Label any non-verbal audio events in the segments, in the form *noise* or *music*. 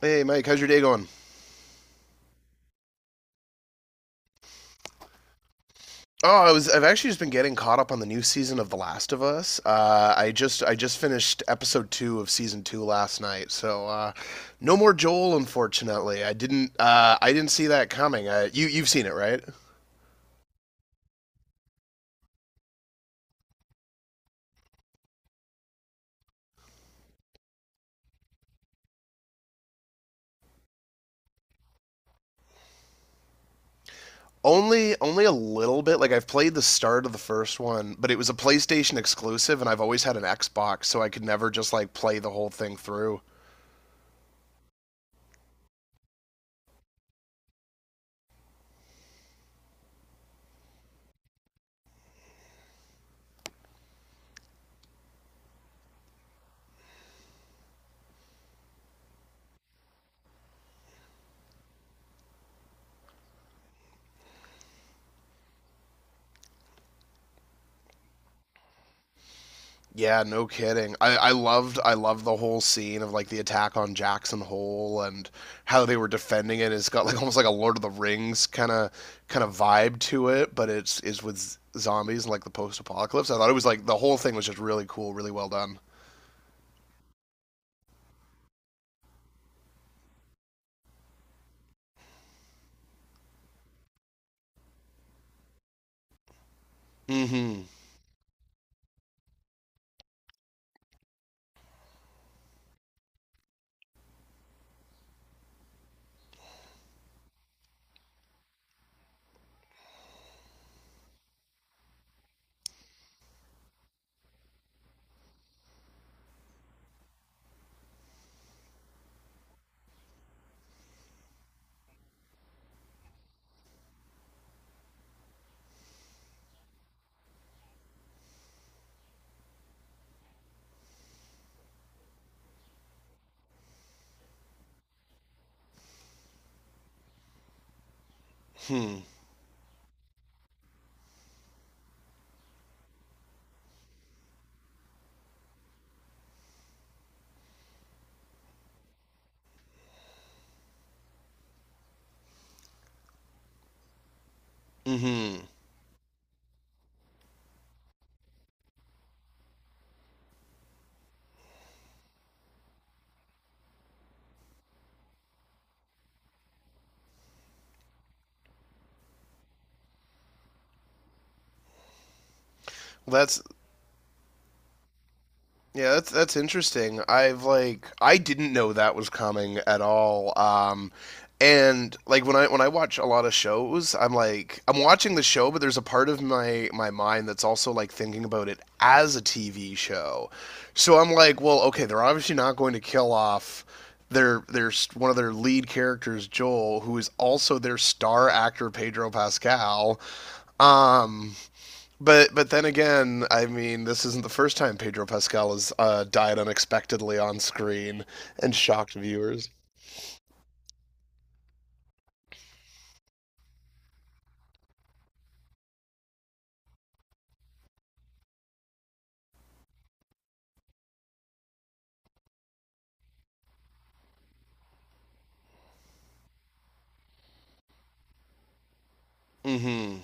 Hey Mike, how's your day going? I've actually just been getting caught up on the new season of The Last of Us. I just finished episode two of season two last night, so no more Joel, unfortunately. I didn't see that coming. You you've seen it, right? Only a little bit. Like I've played the start of the first one, but it was a PlayStation exclusive, and I've always had an Xbox, so I could never just like play the whole thing through. Yeah, no kidding. I loved the whole scene of like the attack on Jackson Hole and how they were defending it. It's got like almost like a Lord of the Rings kind of vibe to it, but it's is with zombies and like the post apocalypse. I thought it was like the whole thing was just really cool, really well done. Mm-hmm. Hmm. Mm-hmm. Well, that's Yeah, that's interesting. I've like I didn't know that was coming at all. And like when I watch a lot of shows, I'm like I'm watching the show, but there's a part of my mind that's also like thinking about it as a TV show. So I'm like, well, okay, they're obviously not going to kill off their one of their lead characters, Joel, who is also their star actor Pedro Pascal. Um but then again, I mean, this isn't the first time Pedro Pascal has died unexpectedly on screen and shocked viewers. Mm-hmm.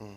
Mm.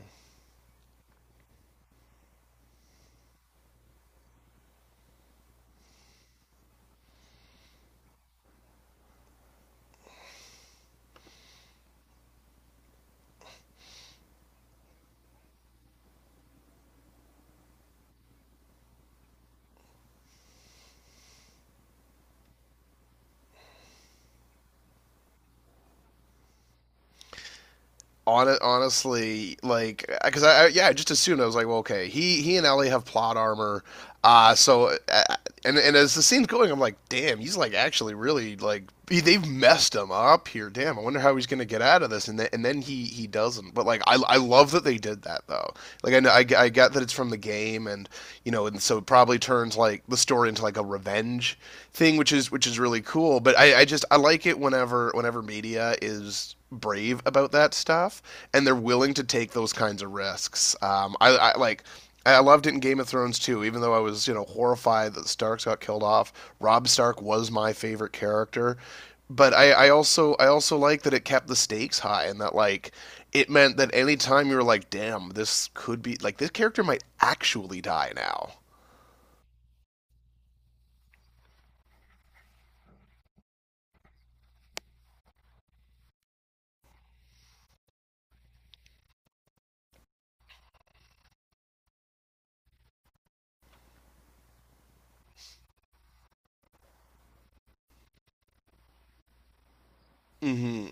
Hon- honestly, like, because I yeah, I just assumed I was like, well, okay, he and Ellie have plot armor, uh, so uh, and as the scene's going, I'm like, damn, he's like actually really like they've messed him up here. Damn, I wonder how he's gonna get out of this. And then he doesn't. But like I love that they did that though. Like I know I get that it's from the game, and you know, and so it probably turns like the story into like a revenge thing, which is really cool. But I like it whenever media is brave about that stuff and they're willing to take those kinds of risks. I like I loved it in Game of Thrones too, even though I was, you know, horrified that the Starks got killed off. Rob Stark was my favorite character. But I also like that it kept the stakes high and that like it meant that any time you were like, damn, this could be like this character might actually die now. Hmm.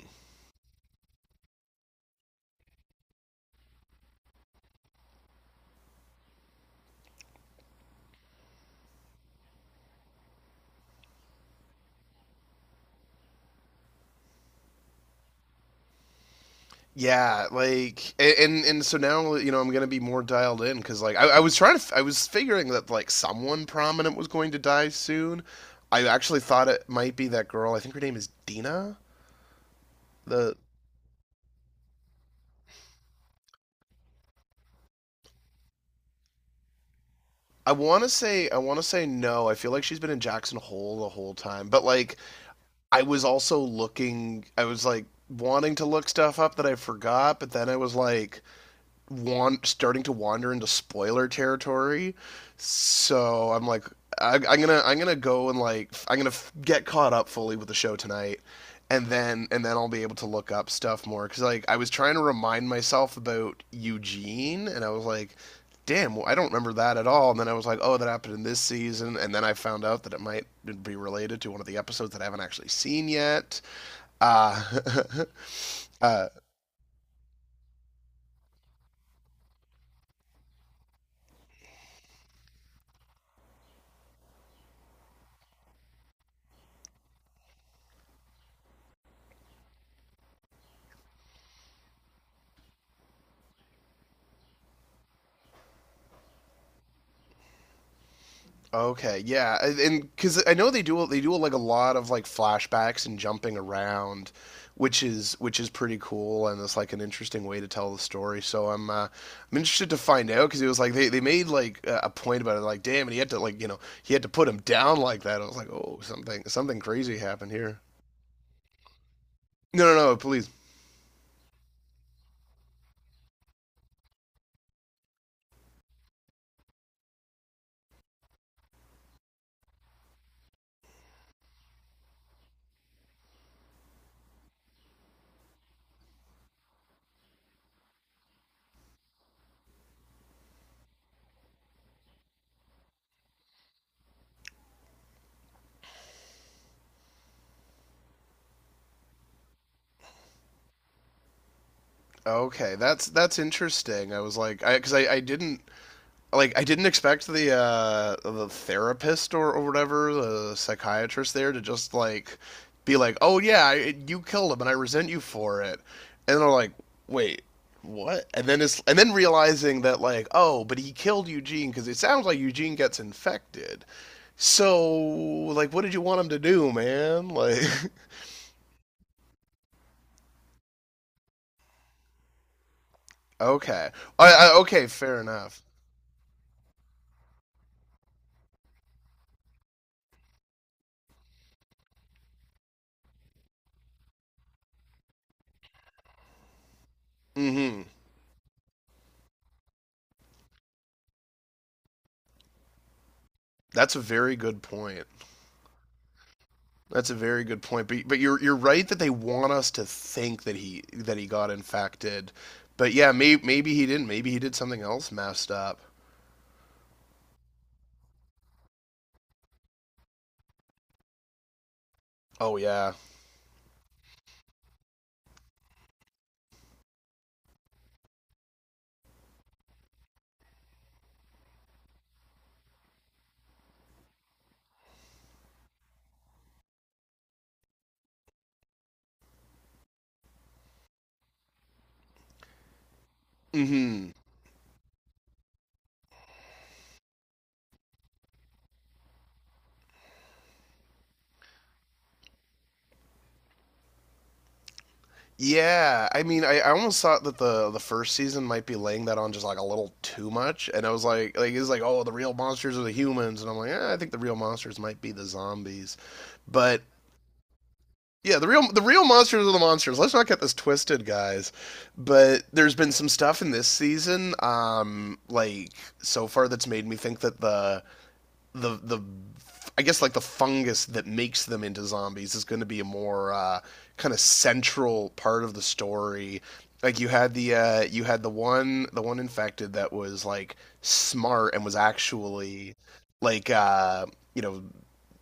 Yeah, like and so now you know I'm gonna be more dialed in because like I was trying to I was figuring that like someone prominent was going to die soon. I actually thought it might be that girl. I think her name is Dina. The I want to say no. I feel like she's been in Jackson Hole the whole time. But like I was also looking I was like wanting to look stuff up that I forgot, but then I was like want starting to wander into spoiler territory. So I'm like, I'm gonna go and like get caught up fully with the show tonight, and then I'll be able to look up stuff more because like I was trying to remind myself about Eugene, and I was like, damn, well, I don't remember that at all. And then I was like, oh, that happened in this season, and then I found out that it might be related to one of the episodes that I haven't actually seen yet. Uh, *laughs* uh, Okay, yeah, because I know they do like a lot of like flashbacks and jumping around, which is pretty cool, and it's like an interesting way to tell the story. So I'm interested to find out because it was like they made like a point about it, like damn, and he had to like you know he had to put him down like that. I was like, oh, something crazy happened here. No, no, no, please. Okay, that's interesting. I was like, I because I didn't like I didn't expect the therapist or whatever the psychiatrist there to just like be like, "Oh yeah, you killed him and I resent you for it." And they're like, "Wait, what?" And then realizing that like, "Oh, but he killed Eugene cuz it sounds like Eugene gets infected." So, like what did you want him to do, man? Like *laughs* okay. I okay, fair enough. Mhm. That's a very good point. That's a very good point. But you're right that they want us to think that he got infected. But yeah, maybe he didn't. Maybe he did something else messed up. Oh yeah. Mm-hmm. Yeah. I mean, I almost thought that the first season might be laying that on just like a little too much. And I was like it's like, oh, the real monsters are the humans, and I'm like, eh, I think the real monsters might be the zombies. But yeah, the real monsters are the monsters. Let's not get this twisted, guys. But there's been some stuff in this season, like so far that's made me think that the I guess like the fungus that makes them into zombies is going to be a more kind of central part of the story. Like you had the you had the one infected that was like smart and was actually like you know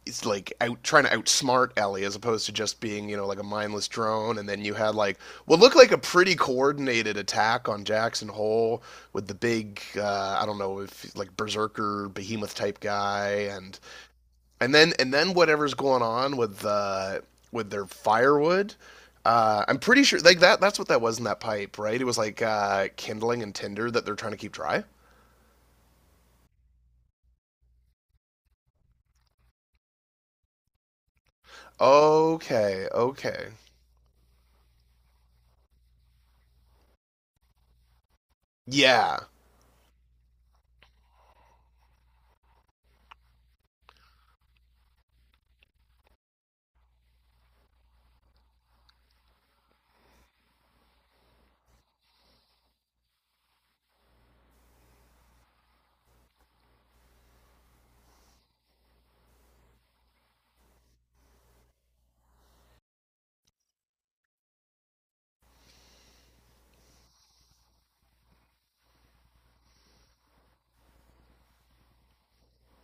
is like out trying to outsmart Ellie as opposed to just being you know like a mindless drone. And then you had like what looked like a pretty coordinated attack on Jackson Hole with the big I don't know if like berserker behemoth type guy and and then whatever's going on with their firewood. I'm pretty sure that's what that was in that pipe, right? It was like kindling and tinder that they're trying to keep dry. Okay, okay. Yeah,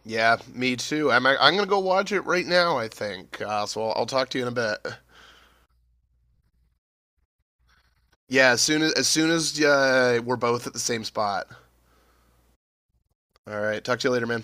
yeah, me too. I'm gonna go watch it right now. I think. So I'll talk to you in a bit. Yeah, as soon as we're both at the same spot. All right. Talk to you later, man.